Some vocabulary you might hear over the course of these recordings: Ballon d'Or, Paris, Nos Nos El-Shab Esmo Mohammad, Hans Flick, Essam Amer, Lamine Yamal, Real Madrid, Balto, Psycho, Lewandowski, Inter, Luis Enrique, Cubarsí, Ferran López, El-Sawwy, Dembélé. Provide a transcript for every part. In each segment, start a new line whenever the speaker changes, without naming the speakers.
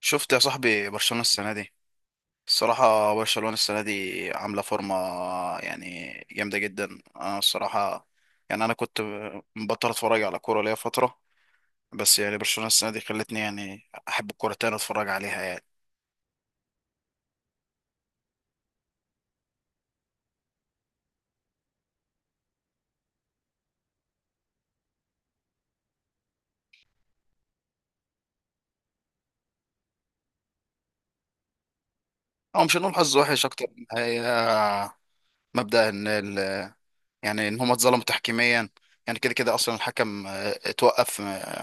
شفت يا صاحبي برشلونة السنة دي. الصراحة برشلونة السنة دي عاملة فورمة، يعني جامدة جدا. أنا الصراحة يعني أنا كنت مبطل أتفرج على كورة ليا فترة، بس يعني برشلونة السنة دي خلتني يعني أحب الكورة تاني أتفرج عليها يعني. أو مش هنقول حظ وحش أكتر من هي مبدأ إن ال يعني إن هما اتظلموا تحكيميا. يعني كده كده أصلا الحكم اتوقف،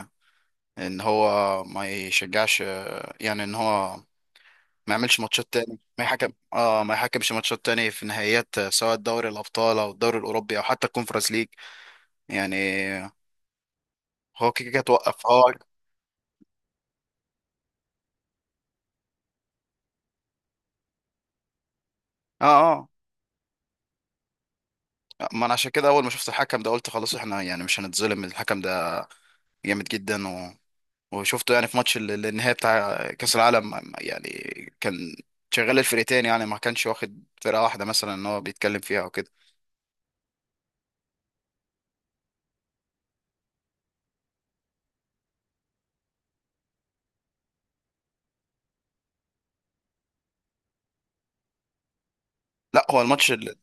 إن هو ما يشجعش، يعني إن هو ما يعملش ماتشات تاني ما يحكم ما يحكمش ماتشات تاني في نهائيات، سواء دوري الابطال او الدوري الاوروبي او حتى الكونفرنس ليج. يعني هو كده كده توقف هو اه آه. ما انا عشان كده اول ما شفت الحكم ده قلت خلاص احنا يعني مش هنتظلم. الحكم ده جامد جدا وشفته يعني في ماتش النهائي بتاع كاس العالم يعني. كان شغال الفرقتين، يعني ما كانش واخد فرقه واحده مثلا ان هو بيتكلم فيها او كده. لا هو الماتش ال-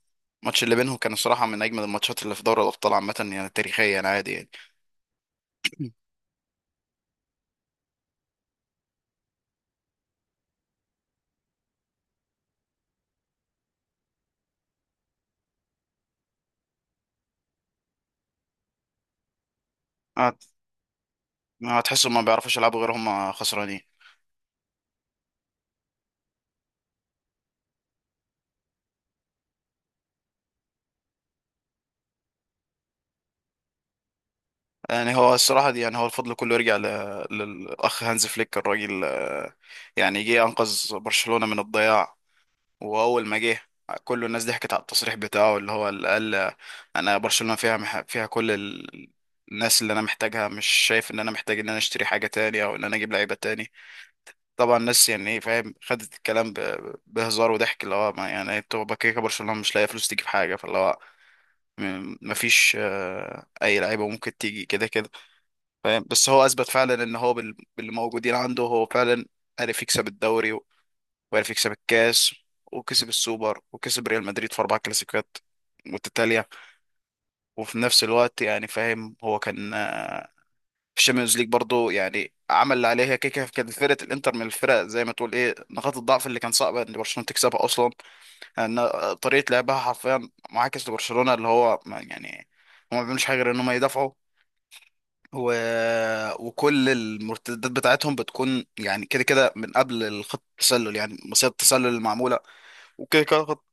الماتش اللي بينهم كان الصراحه من اجمل الماتشات اللي في دوري الابطال عامه، يعني تاريخيا عادي يعني. هتحسوا ما بيعرفوش يلعبوا غير هم خسرانين. يعني هو الصراحة دي، يعني هو الفضل كله يرجع للأخ هانز فليك الراجل، يعني جه أنقذ برشلونة من الضياع. وأول ما جه كل الناس ضحكت على التصريح بتاعه اللي هو اللي قال، أنا برشلونة فيها فيها كل الناس اللي أنا محتاجها، مش شايف إن أنا محتاج إن أنا أشتري حاجة تاني أو إن أنا أجيب لعيبة تاني. طبعا الناس يعني إيه فاهم خدت الكلام بهزار وضحك، اللي هو ما يعني أنتوا بكيكة برشلونة مش لاقية فلوس تجيب حاجة، فاللي هو مفيش، اي لعيبه ممكن تيجي كده كده فاهم. بس هو اثبت فعلا ان هو باللي موجودين عنده هو فعلا عرف يكسب الدوري، وعرف يكسب الكاس، وكسب السوبر، وكسب ريال مدريد في اربع كلاسيكيات متتاليه. وفي نفس الوقت يعني فاهم هو كان، في الشامبيونز ليج برضه يعني عمل اللي عليه. هي كده كده كانت فرقه الانتر من الفرق زي ما تقول ايه نقاط الضعف اللي كان صعب ان برشلونه تكسبها اصلا. ان طريقه لعبها حرفيا معاكس لبرشلونه، اللي هو يعني هم ما بيعملوش حاجه غير ان هم يدافعوا، و... وكل المرتدات بتاعتهم بتكون يعني كده كده من قبل الخط التسلل، يعني مصيدة التسلل المعمولة. وكده كده خط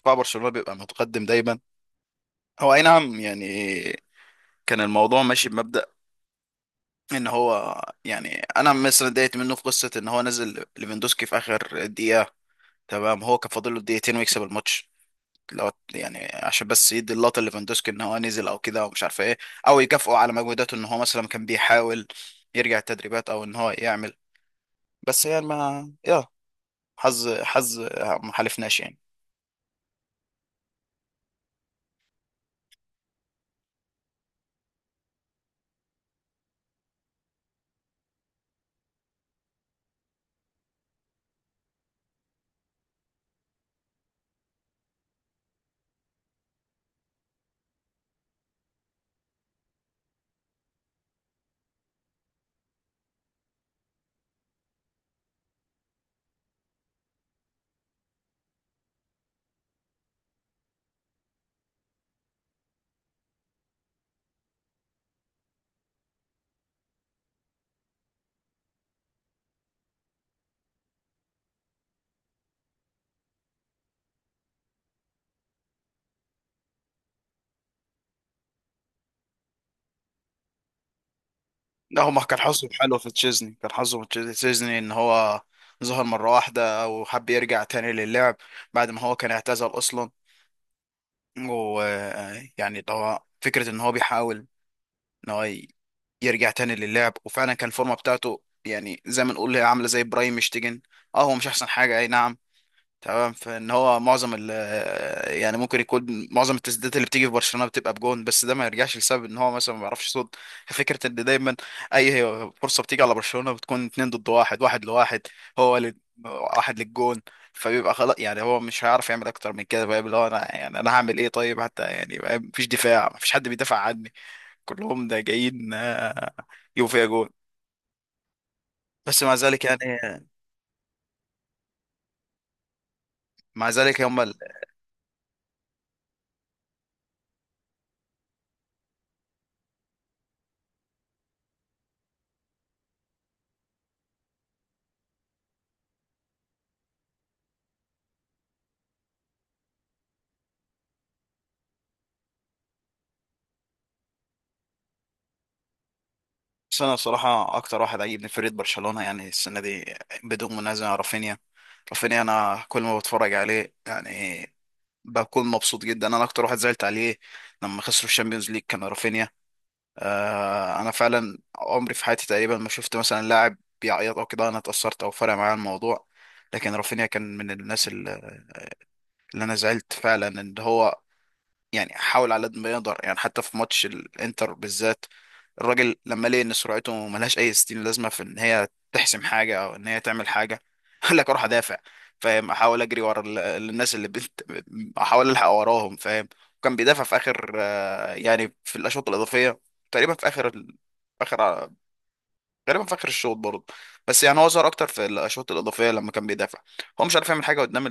دفاع برشلونة بيبقى متقدم دايما. هو أي نعم يعني كان الموضوع ماشي بمبدأ إن هو يعني. أنا مثلا اتضايقت منه في قصة إن هو نزل ليفاندوسكي في آخر دقيقة. تمام هو كان فاضل له دقيقتين ويكسب الماتش، لو يعني عشان بس يدي اللقطة ليفاندوسكي إن هو نزل أو كده ومش عارف إيه، أو يكافئه على مجهوداته إن هو مثلا كان بيحاول يرجع التدريبات او ان هو يعمل. بس يعني ما يا، حظ ما حالفناش يعني. لا هو ما كان حظه حلو في تشيزني، كان حظه في تشيزني ان هو ظهر مرة واحدة وحب يرجع تاني للعب بعد ما هو كان اعتزل اصلا. ويعني اللي هو فكرة ان هو بيحاول ان هو يرجع تاني للعب، وفعلا كان الفورمة بتاعته يعني زي ما نقول هي عاملة زي برايم مشتيجن. اه هو مش احسن حاجة اي نعم، تمام. فان هو معظم يعني ممكن يكون معظم التسديدات اللي بتيجي في برشلونه بتبقى بجون، بس ده ما يرجعش لسبب ان هو مثلا ما بيعرفش يصد. فكره ان دايما اي فرصه بتيجي على برشلونه بتكون اتنين ضد واحد، واحد لواحد، هو ل... واحد للجون، فبيبقى خلاص يعني هو مش هيعرف يعمل اكتر من كده بقى. اللي هو انا يعني انا هعمل ايه طيب حتى، يعني بقى مفيش دفاع مفيش حد بيدافع عني كلهم ده جايين، يجوا فيها جون. بس مع ذلك يعني، مع ذلك هم. بس انا بصراحه اكتر واحد عجبني فريق برشلونه يعني السنه دي بدون منازع رافينيا. رافينيا انا كل ما بتفرج عليه يعني بكون مبسوط جدا. انا اكتر واحد زعلت عليه لما خسروا الشامبيونز ليج كان رافينيا. آه انا فعلا عمري في حياتي تقريبا ما شفت مثلا لاعب بيعيط او كده انا اتاثرت او فرق معايا الموضوع، لكن رافينيا كان من الناس اللي انا زعلت فعلا ان هو يعني حاول على قد ما يقدر. يعني حتى في ماتش الانتر بالذات، الراجل لما لقى ان سرعته ملهاش اي ستين لازمه في ان هي تحسم حاجه او ان هي تعمل حاجه، قال لك اروح ادافع فاهم. احاول اجري ورا الناس اللي بنت، احاول الحق وراهم فاهم. وكان بيدافع في اخر، يعني في الاشواط الاضافيه تقريبا في اخر غالبا في اخر الشوط برضه. بس يعني هو ظهر اكتر في الاشواط الاضافيه لما كان بيدافع. هو مش عارف يعمل حاجه قدام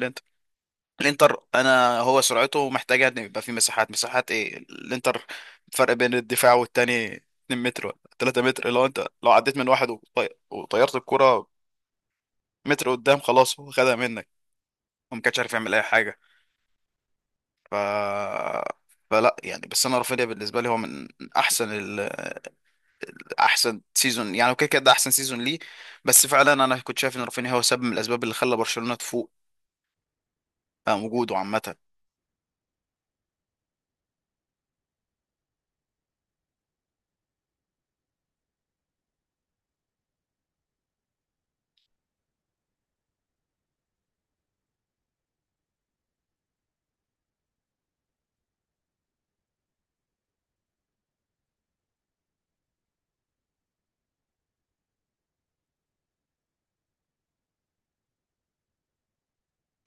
الانتر، انا هو سرعته محتاجه ان يبقى في مساحات، ايه الانتر فرق بين الدفاع والتاني 2 متر ولا 3 متر. لو انت لو عديت من واحد وطيرت الكرة متر قدام خلاص هو خدها منك وما كانش عارف يعمل اي حاجه. ف، فلا يعني. بس انا رافينيا بالنسبه لي هو من احسن ال... احسن سيزون يعني، وكده كده ده احسن سيزون ليه. بس فعلا انا كنت شايف ان رافينيا هو سبب من الاسباب اللي خلى برشلونه تفوق، وجوده عامه.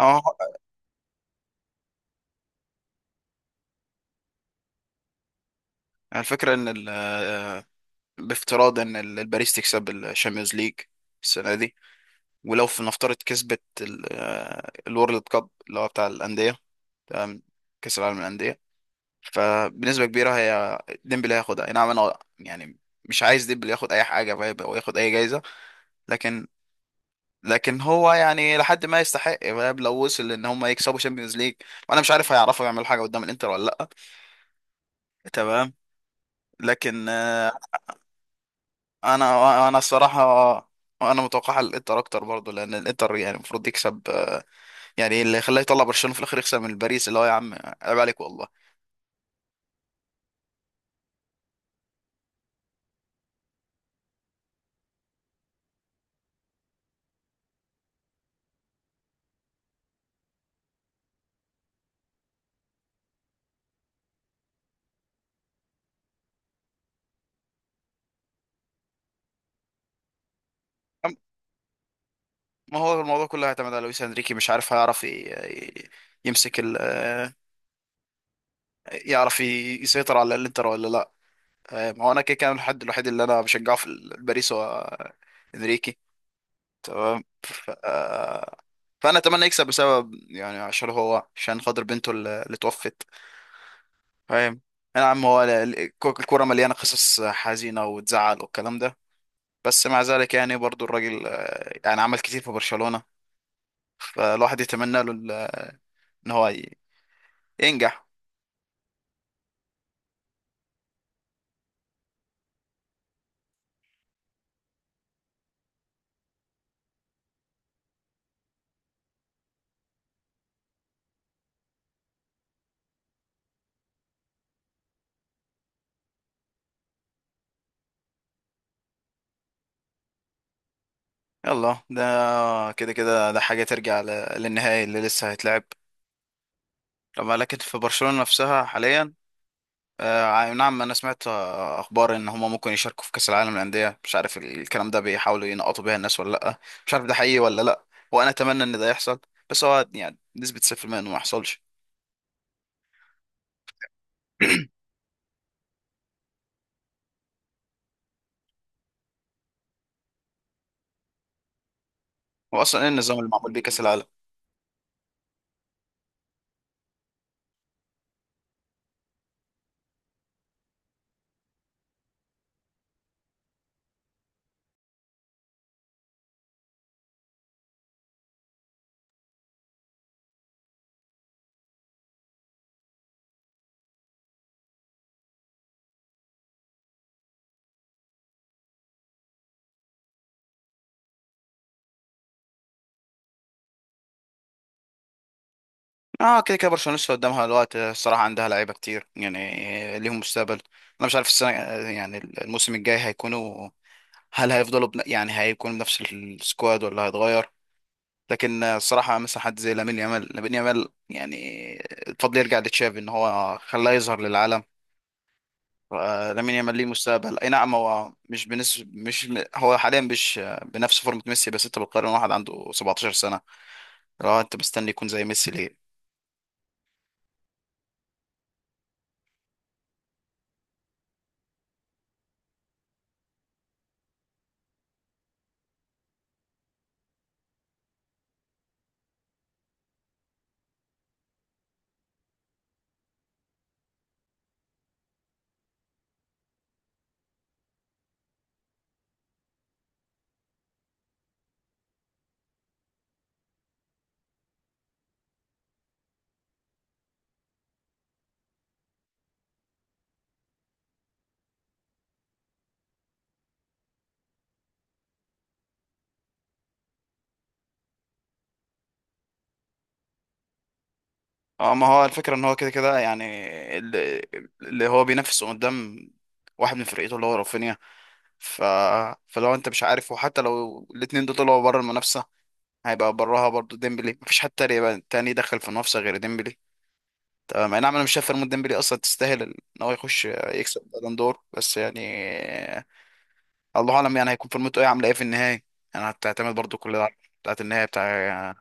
اه الفكره ان بافتراض ان الباريس تكسب الشامبيونز ليج السنه دي، ولو في نفترض كسبت الورلد كاب اللي هو بتاع الانديه، تمام، كاس العالم للانديه، فبنسبه كبيره هي ديمبلي هياخدها أي نعم. انا يعني مش عايز ديمبلي ياخد اي حاجه فاهم او ياخد اي جايزه، لكن، لكن هو يعني لحد ما يستحق فاهم لو وصل ان هم يكسبوا شامبيونز ليج. وانا مش عارف هيعرفوا يعملوا حاجه قدام الانتر ولا لا، تمام، لكن آه، انا، الصراحه انا متوقع الانتر اكتر برضه لان الانتر يعني المفروض يكسب، يعني اللي خلاه يطلع برشلونه في الاخر يكسب من باريس اللي هو يا عم عيب عليك والله. أم- ما هو الموضوع كله هيعتمد على لويس انريكي مش عارف هيعرف ي- يمسك ال آه، يعرف يسيطر على الانتر ولا لا. ما هو انا كده كان الحد الوحيد اللي انا بشجعه في باريس هو، انريكي، تمام. ف... آه، فانا اتمنى يكسب بسبب يعني، عشان هو عشان خاطر بنته اللي توفت فاهم. يا عم هو الكرة مليانة قصص حزينة وتزعل والكلام ده، بس مع ذلك يعني برضو الراجل، يعني عمل كتير في برشلونة. فالواحد يتمنى له ان هو ينجح. يلا ده كده كده ده حاجة ترجع للنهائي اللي لسه هيتلعب طبعا. لكن في برشلونة نفسها حاليا، نعم انا سمعت، اخبار ان هما ممكن يشاركوا في كأس العالم للأندية. مش عارف الكلام ده بيحاولوا ينقطوا بيها الناس ولا لا، مش عارف ده حقيقي ولا لا، وانا اتمنى ان ده يحصل، بس هو يعني نسبة 0% انه ما يحصلش. هو اصلا ايه النظام اللي معمول بيه كاس العالم؟ اه كده كده برشلونه لسه قدامها الوقت. الصراحه عندها لعيبه كتير يعني ليهم مستقبل. انا مش عارف السنه يعني الموسم الجاي هيكونوا، هل هيفضلوا يعني هيكونوا بنفس السكواد ولا هيتغير. لكن الصراحه مثلا حد زي لامين يامال، لامين يامال يعني الفضل يرجع لتشافي ان هو خلاه يظهر للعالم. لامين يامال ليه مستقبل اي نعم. هو مش بنسبه مش، هو حاليا مش بنفس فورمه ميسي، بس انت بتقارن واحد عنده 17 سنه لو انت مستني يكون زي ميسي ليه. اه ما هو الفكرة ان هو كده كده يعني، اللي, اللي هو بينافسه قدام واحد من فرقته اللي هو رافينيا. ف... فلو انت مش عارف، وحتى لو الاتنين دول طلعوا بره المنافسة هيبقى براها برضو ديمبلي، مفيش حد تاني يبقى تاني يدخل في المنافسة غير ديمبلي تمام. اي نعم انا مش شايف فريمون ديمبلي اصلا تستاهل ان هو يخش يكسب بالون دور، بس يعني الله اعلم يعني هيكون فورمته ايه عامله ايه في النهاية. يعني هتعتمد برضو كل ده على بتاعت النهاية بتاع.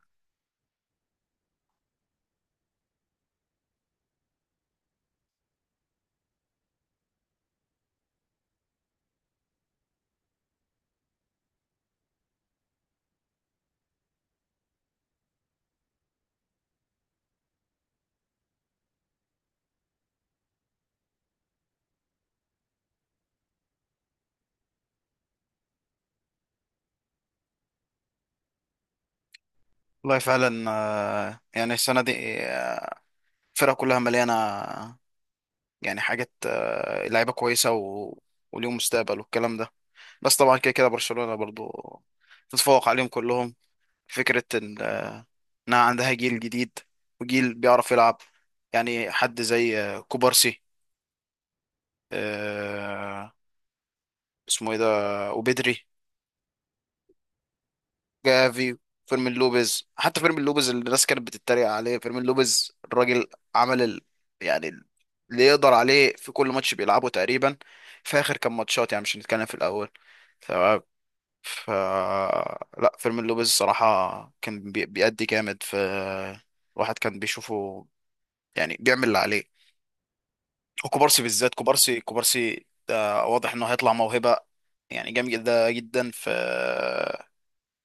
والله فعلا، يعني السنة دي، آه، الفرقة كلها مليانة يعني حاجات، لعيبه كويسه وليهم مستقبل والكلام ده. بس طبعا كده كده برشلونه برضو تتفوق عليهم كلهم، فكره انها عندها جيل جديد وجيل بيعرف يلعب. يعني حد زي، كوبارسي، آه، اسمه ايه ده، وبدري، جافي، فيرمين لوبيز. حتى فيرمين لوبيز اللي الناس كانت بتتريق عليه، فيرمين لوبيز الراجل عمل يعني اللي يقدر عليه في كل ماتش بيلعبه تقريبا في اخر كام ماتشات، يعني مش هنتكلم في الاول. ف، لا فيلم لوبيز الصراحة كان بيأدي جامد في، الواحد كان بيشوفه يعني بيعمل اللي عليه. وكوبارسي بالذات، كوبارسي ده واضح انه هيطلع موهبة يعني جامدة جدا في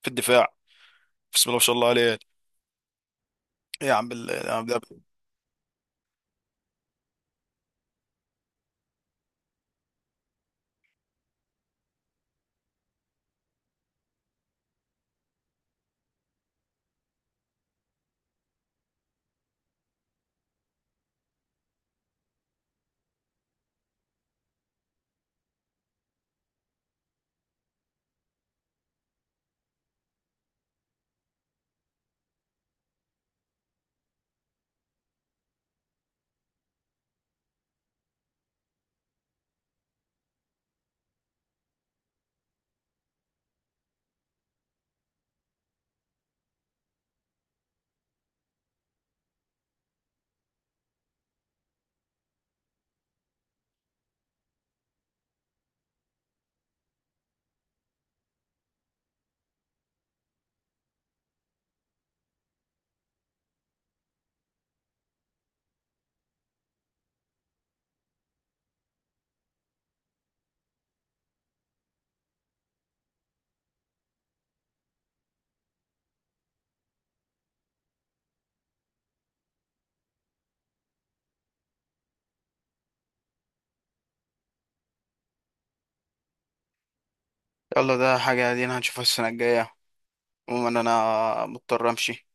في الدفاع. بسم الله ما شاء الله عليه يعني. إيه يا عم يا عم ده. يلا ده حاجة دي هنشوفها السنة الجاية. عموما انا مضطر امشي،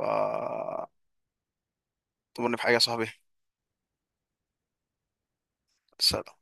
ف تمرني في حاجة يا صاحبي. سلام.